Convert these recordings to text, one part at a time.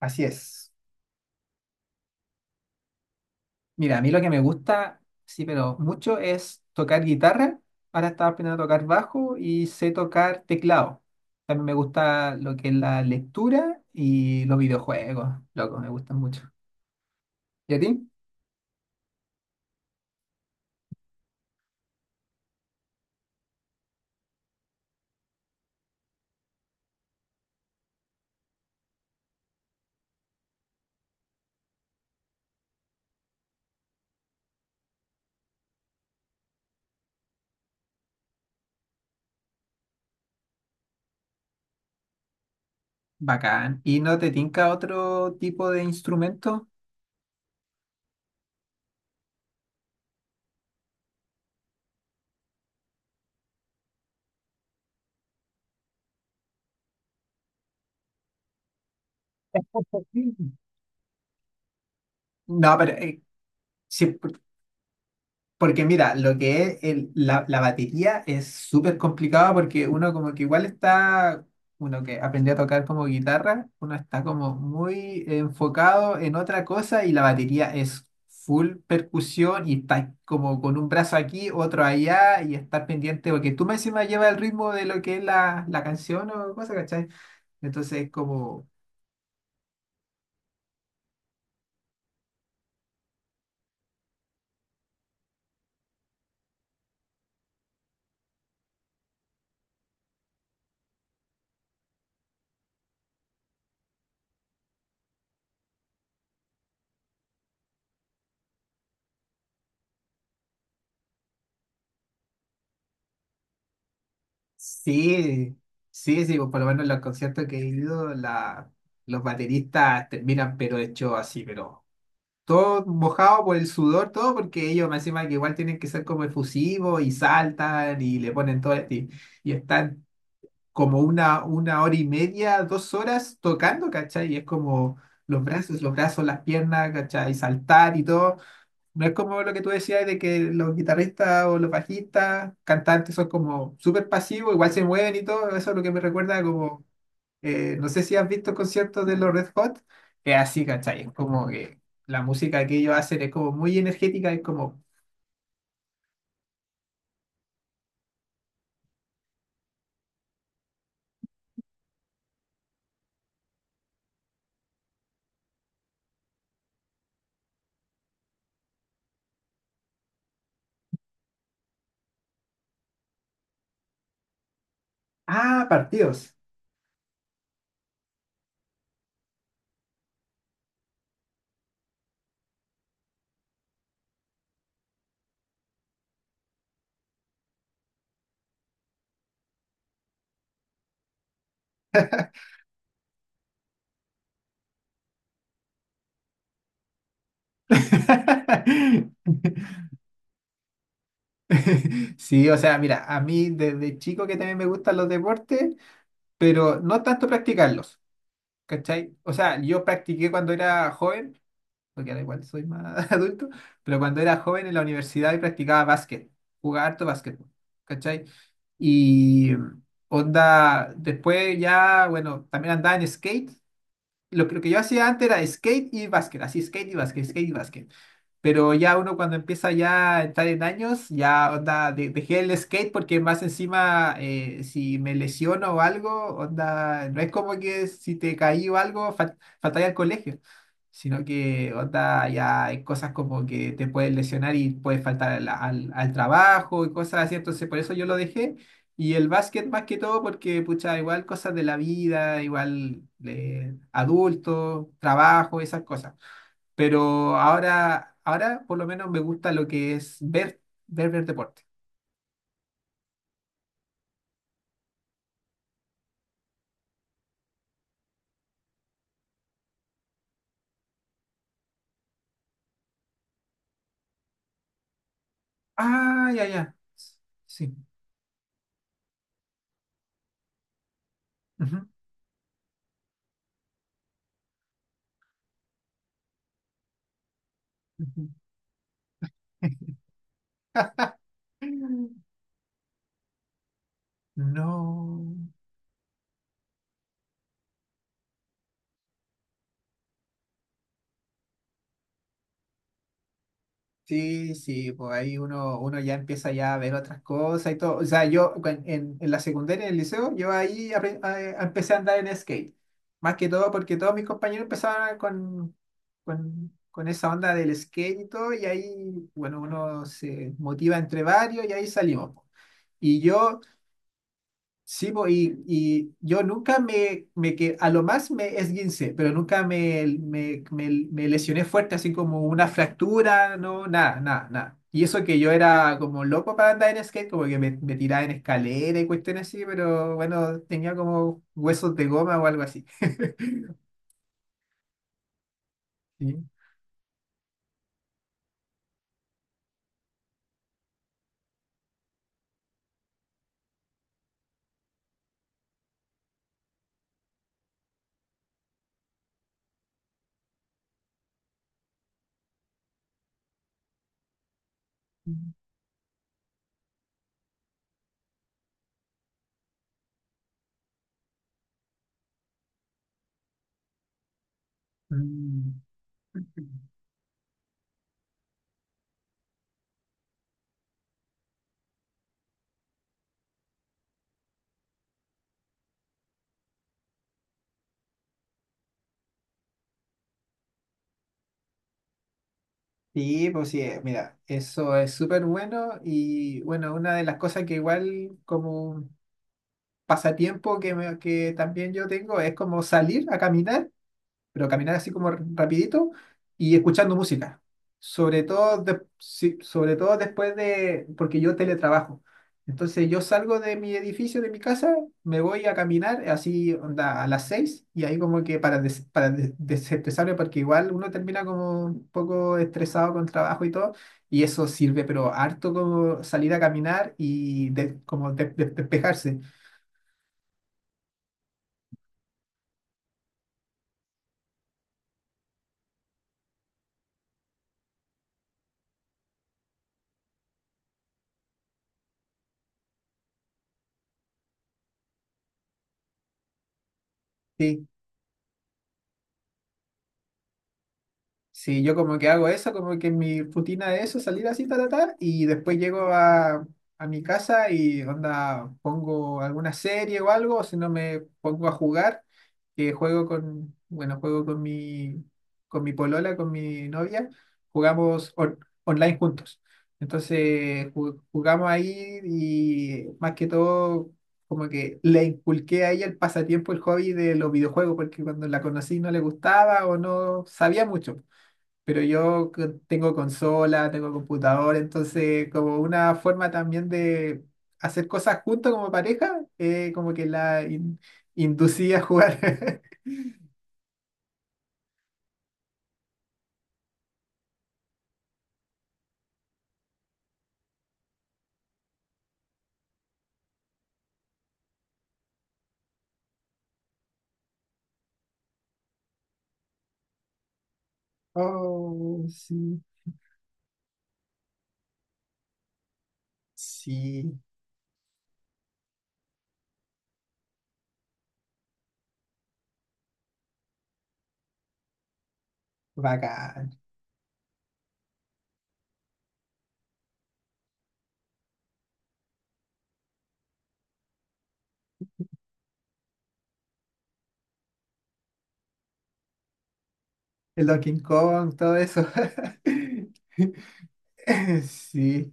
Así es. Mira, a mí lo que me gusta, sí, pero mucho es tocar guitarra. Ahora estaba aprendiendo a tocar bajo y sé tocar teclado. También me gusta lo que es la lectura y los videojuegos. Loco, me gustan mucho. ¿Y a ti? Bacán. ¿Y no te tinca otro tipo de instrumento? Sí. No, pero sí, porque mira, lo que es la batería es súper complicado, porque uno como que igual está, uno que aprendió a tocar como guitarra, uno está como muy enfocado en otra cosa, y la batería es full percusión y está como con un brazo aquí, otro allá, y estar pendiente porque tú me encima llevas el ritmo de lo que es la canción o cosa, ¿cachai? Entonces es como sí, sí, sí, pues, por lo menos en los conciertos que he ido, la, los bateristas terminan pero hecho así, pero todo mojado por el sudor, todo, porque ellos me encima que igual tienen que ser como efusivos y saltan y le ponen todo, y están como una hora y media, dos horas tocando, ¿cachai? Y es como los brazos, las piernas, ¿cachai? Y saltar y todo. No es como lo que tú decías de que los guitarristas o los bajistas, cantantes, son como súper pasivos, igual se mueven y todo. Eso es lo que me recuerda como, no sé si has visto conciertos de los Red Hot, es así, ¿cachai? Es como que la música que ellos hacen es como muy energética, es como ah, partidos. Sí, o sea, mira, a mí desde chico que también me gustan los deportes, pero no tanto practicarlos, ¿cachai? O sea, yo practiqué cuando era joven, porque ahora igual soy más adulto, pero cuando era joven en la universidad y practicaba básquet, jugaba harto básquetbol, ¿cachai? Y onda, después ya, bueno, también andaba en skate. Lo que yo hacía antes era skate y básquet, así skate y básquet, skate y básquet. Pero ya uno cuando empieza ya a entrar en años, ya onda, dejé el skate, porque más encima si me lesiono o algo, onda, no es como que si te caí o algo, faltaría al colegio, sino que onda, ya hay cosas como que te puedes lesionar y puedes faltar al trabajo y cosas así, entonces por eso yo lo dejé. Y el básquet más que todo porque, pucha, igual cosas de la vida, igual adulto, trabajo, esas cosas. Pero ahora, ahora por lo menos me gusta lo que es ver, ver, ver deporte. Ah, ya, ya. Sí. Ujú, ujú. No. Sí, sí, pues ahí uno, uno ya empieza ya a ver otras cosas y todo. O sea, en la secundaria, en el liceo, yo ahí empecé a andar en skate. Más que todo porque todos mis compañeros empezaban con esa onda del skate y todo, y ahí, bueno, uno se motiva entre varios y ahí salimos po. Y yo sí, po, y yo nunca me que a lo más me esguincé, pero nunca me lesioné fuerte, así como una fractura, no, nada, nada, nada. Y eso que yo era como loco para andar en skate, como que me tiraba en escalera y cuestiones así, pero bueno, tenía como huesos de goma o algo así. Sí. Mm. Sí, pues sí, mira, eso es súper bueno, y bueno, una de las cosas que igual como pasatiempo que, que también yo tengo es como salir a caminar, pero caminar así como rapidito y escuchando música. Sobre todo, sí, sobre todo después de, porque yo teletrabajo. Entonces yo salgo de mi edificio, de mi casa, me voy a caminar así onda, a las seis, y ahí como que para, para desestresarme, porque igual uno termina como un poco estresado con trabajo y todo, y eso sirve pero harto como salir a caminar y como despejarse. Sí. Sí, yo como que hago eso, como que mi rutina de eso, salir así, tal, tal, y después llego a mi casa y onda, pongo alguna serie o algo, o si no me pongo a jugar, que juego con, bueno, juego con mi polola, con mi novia, jugamos online juntos. Entonces jugamos ahí, y más que todo como que le inculqué a ella el pasatiempo, el hobby de los videojuegos, porque cuando la conocí no le gustaba o no sabía mucho. Pero yo tengo consola, tengo computador, entonces como una forma también de hacer cosas juntos como pareja, como que inducí a jugar. Oh, sí, sí, bacán. El Donkey Kong, todo eso. Sí.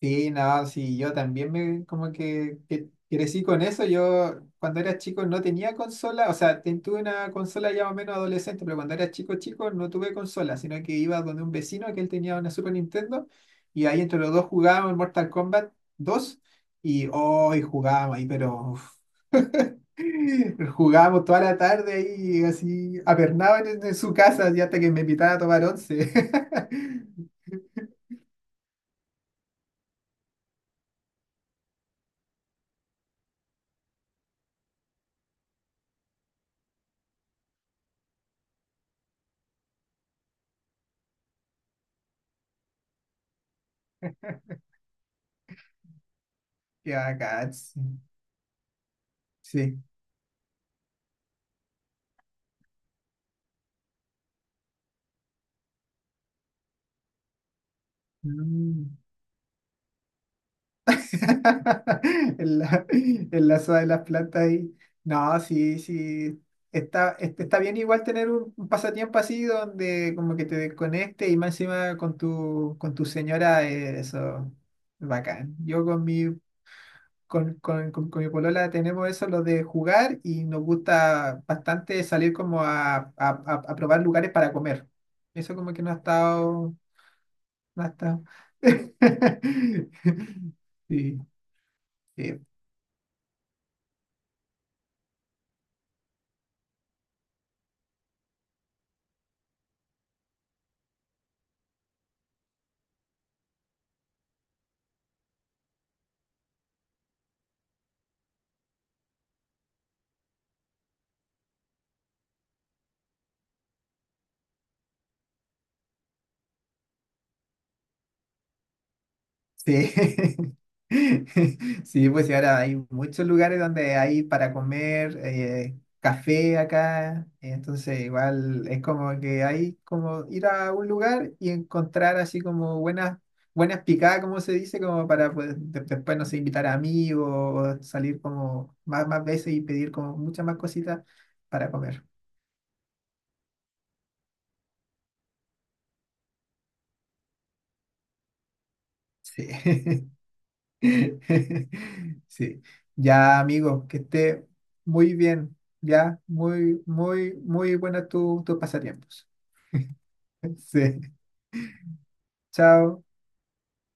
Sí, no, sí, yo también me como que crecí con eso. Yo cuando era chico no tenía consola, o sea, tuve una consola ya más o menos adolescente, pero cuando era chico chico no tuve consola, sino que iba donde un vecino que él tenía una Super Nintendo, y ahí entre los dos jugábamos Mortal Kombat dos, y hoy jugábamos ahí, pero uf, jugábamos toda la tarde ahí, así apernaban en su casa, y hasta que me invitaban a tomar once. Qué bacán, sí. Sí. Mm. El la, en la de las plantas ahí. No, sí, sí. Está, está bien igual tener un pasatiempo así donde como que te desconecte, y más encima con tu señora, eso, bacán. Yo con mi, con, con mi polola tenemos eso, lo de jugar, y nos gusta bastante salir como a, a probar lugares para comer. Eso como que no ha estado, no ha estado. Sí. Sí, Sí. Sí, pues y ahora hay muchos lugares donde hay para comer café acá, entonces igual es como que hay como ir a un lugar y encontrar así como buenas buenas picadas, como se dice, como para pues, después, no sé, invitar a amigos o salir como más, más veces y pedir como muchas más cositas para comer. Sí. Sí, ya amigo, que esté muy bien, ya muy, muy, muy buena tu, tus pasatiempos. Sí, chao.